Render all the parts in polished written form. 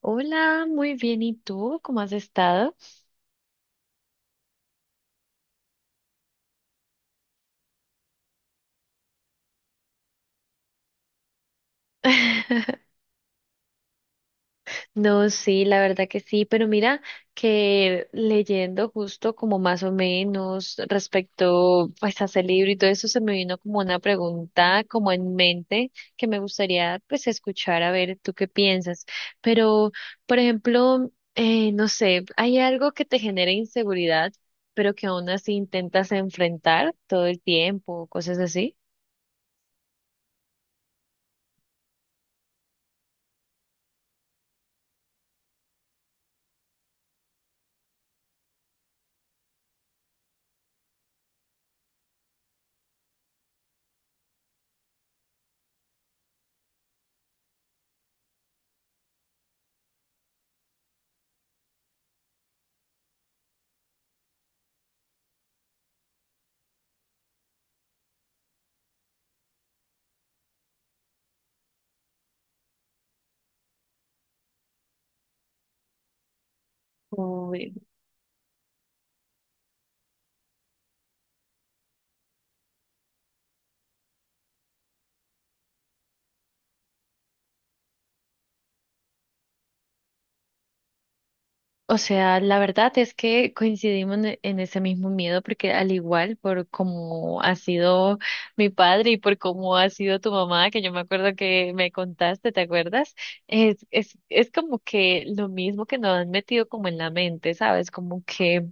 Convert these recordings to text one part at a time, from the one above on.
Hola, muy bien. ¿Y tú? ¿Cómo has estado? No, sí, la verdad que sí, pero mira que leyendo justo como más o menos respecto pues a ese libro y todo eso se me vino como una pregunta como en mente que me gustaría pues escuchar a ver tú qué piensas. Pero, por ejemplo, no sé, ¿hay algo que te genera inseguridad pero que aún así intentas enfrentar todo el tiempo, cosas así? O sea, la verdad es que coincidimos en ese mismo miedo porque al igual por cómo ha sido mi padre y por cómo ha sido tu mamá, que yo me acuerdo que me contaste, ¿te acuerdas? Es como que lo mismo que nos han metido como en la mente, ¿sabes?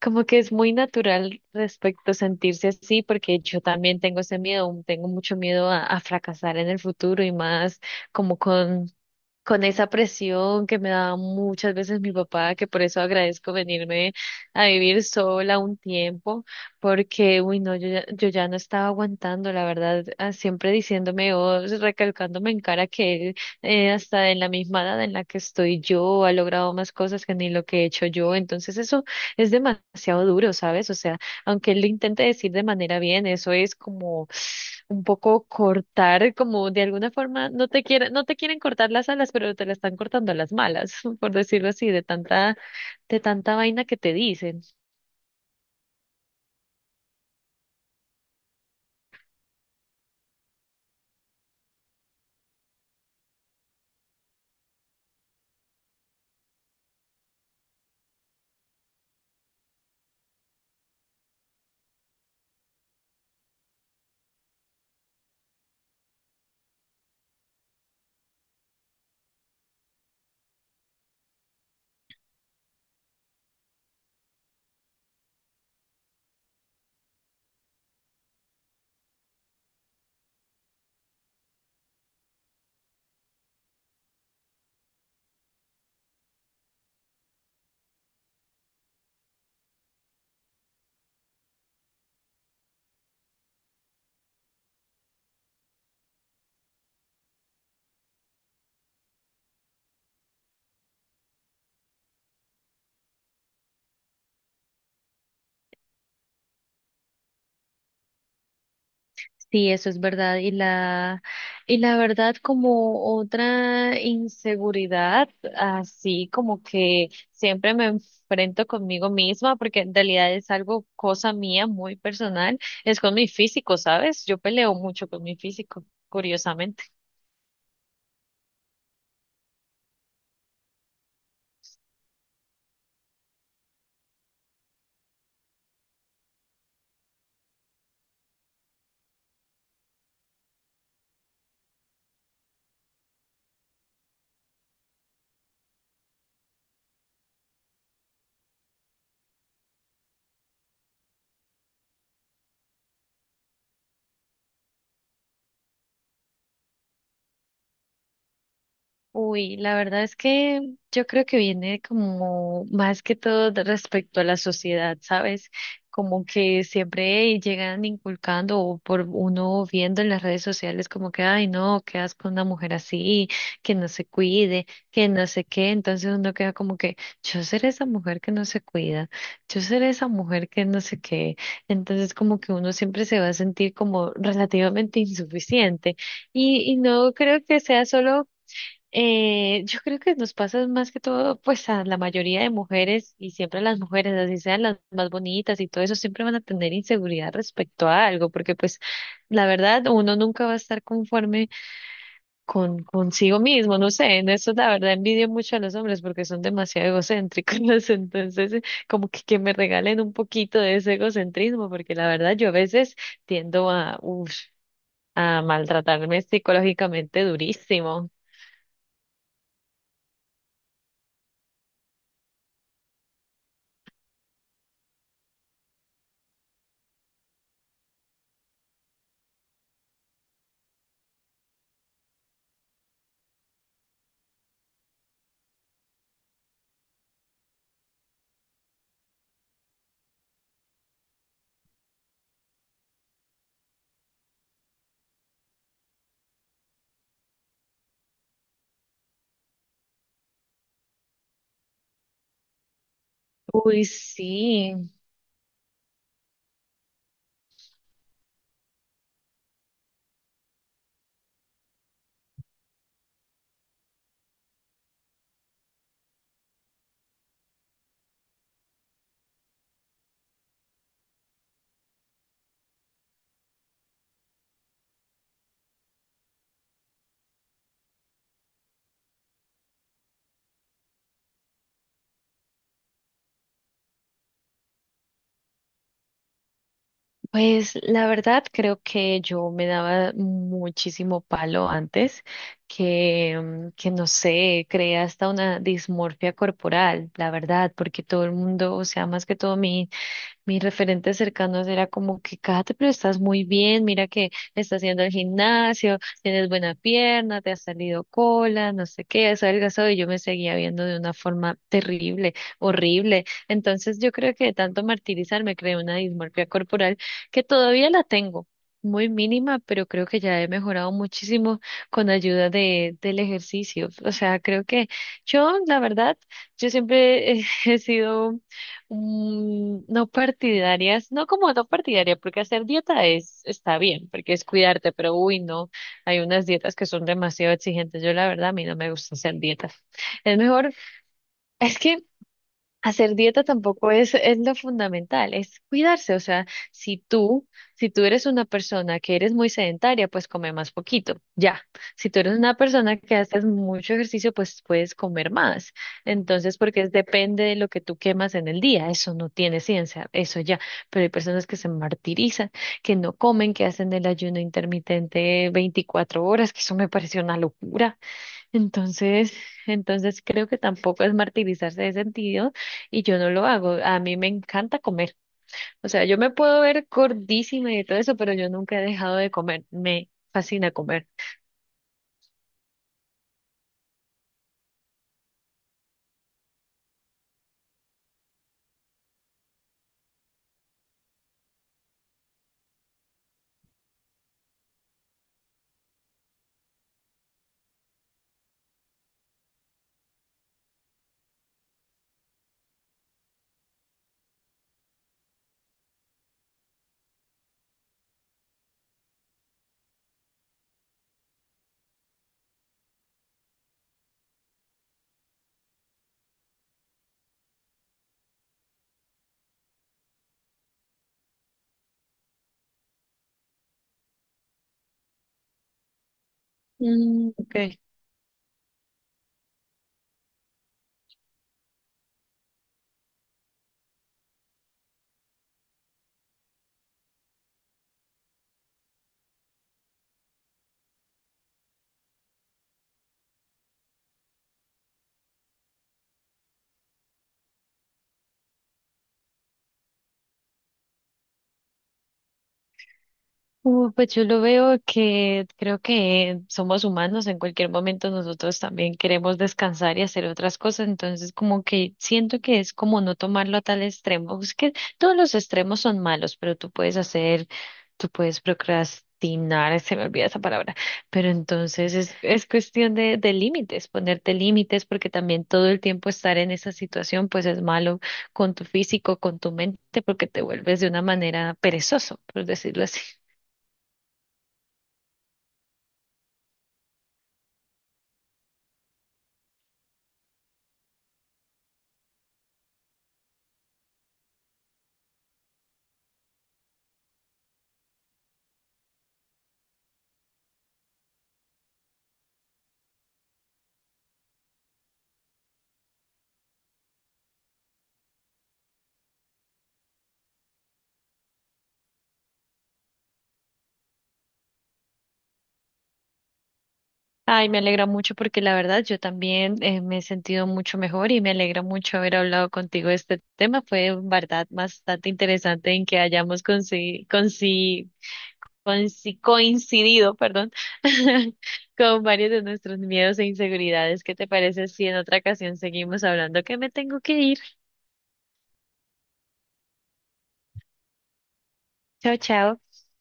Como que es muy natural respecto a sentirse así porque yo también tengo ese miedo, tengo mucho miedo a fracasar en el futuro y más como con esa presión que me daba muchas veces mi papá, que por eso agradezco venirme a vivir sola un tiempo, porque, uy, no, yo ya, yo ya no estaba aguantando, la verdad, ah, siempre diciéndome o recalcándome en cara que él, hasta en la misma edad en la que estoy yo, ha logrado más cosas que ni lo que he hecho yo, entonces eso es demasiado duro, ¿sabes? O sea, aunque él lo intente decir de manera bien, eso es como un poco cortar, como de alguna forma no te quieren, no te quieren cortar las alas, pero te la están cortando a las malas, por decirlo así, de tanta vaina que te dicen. Sí, eso es verdad. Y la verdad, como otra inseguridad, así como que siempre me enfrento conmigo misma, porque en realidad es algo, cosa mía, muy personal, es con mi físico, ¿sabes? Yo peleo mucho con mi físico, curiosamente. Uy, la verdad es que yo creo que viene como más que todo de respecto a la sociedad, ¿sabes? Como que siempre llegan inculcando o por uno viendo en las redes sociales como que, ay, no, qué asco una mujer así, que no se cuide, que no sé qué. Entonces uno queda como que, yo seré esa mujer que no se cuida, yo seré esa mujer que no sé qué. Entonces como que uno siempre se va a sentir como relativamente insuficiente. Y no creo que sea solo yo creo que nos pasa más que todo, pues a la mayoría de mujeres y siempre las mujeres, así sean las más bonitas y todo eso, siempre van a tener inseguridad respecto a algo, porque pues la verdad uno nunca va a estar conforme con consigo mismo, no sé, en eso la verdad envidio mucho a los hombres porque son demasiado egocéntricos, entonces como que me regalen un poquito de ese egocentrismo, porque la verdad yo a veces tiendo a, uf, a maltratarme psicológicamente durísimo. Uy, sí. Pues la verdad creo que yo me daba muchísimo palo antes, que, que no sé, creé hasta una dismorfia corporal, la verdad, porque todo el mundo, o sea, más que todo mi mis referentes cercanos era como que, Kate, pero estás muy bien, mira que estás haciendo el gimnasio, tienes buena pierna, te ha salido cola, no sé qué, has adelgazado y yo me seguía viendo de una forma terrible, horrible. Entonces yo creo que de tanto martirizar me creé una dismorfia corporal que todavía la tengo. Muy mínima, pero creo que ya he mejorado muchísimo con ayuda de, del ejercicio. O sea, creo que yo, la verdad, yo siempre he sido no partidarias, no como no partidaria, porque hacer dieta es, está bien, porque es cuidarte, pero uy, no, hay unas dietas que son demasiado exigentes. Yo la verdad, a mí no me gusta hacer dietas. Es mejor, es que hacer dieta tampoco es, es lo fundamental, es cuidarse. O sea, si tú, si tú eres una persona que eres muy sedentaria, pues come más poquito, ya. Si tú eres una persona que haces mucho ejercicio, pues puedes comer más. Entonces, porque es- depende de lo que tú quemas en el día, eso no tiene ciencia, eso ya. Pero hay personas que se martirizan, que no comen, que hacen el ayuno intermitente 24 horas, que eso me parece una locura. Entonces, entonces creo que tampoco es martirizarse de sentido y yo no lo hago. A mí me encanta comer. O sea, yo me puedo ver gordísima y todo eso, pero yo nunca he dejado de comer. Me fascina comer. Mm, ok. Pues yo lo veo que creo que somos humanos, en cualquier momento nosotros también queremos descansar y hacer otras cosas, entonces como que siento que es como no tomarlo a tal extremo, es que todos los extremos son malos, pero tú puedes hacer, tú puedes procrastinar, se me olvida esa palabra, pero entonces es cuestión de límites, ponerte límites, porque también todo el tiempo estar en esa situación pues es malo con tu físico, con tu mente, porque te vuelves de una manera perezoso, por decirlo así. Ay, me alegra mucho porque la verdad yo también me he sentido mucho mejor y me alegra mucho haber hablado contigo de este tema. Fue en verdad bastante interesante en que hayamos coincidido, perdón, con varios de nuestros miedos e inseguridades. ¿Qué te parece si en otra ocasión seguimos hablando? Que me tengo que ir. Chao, chao.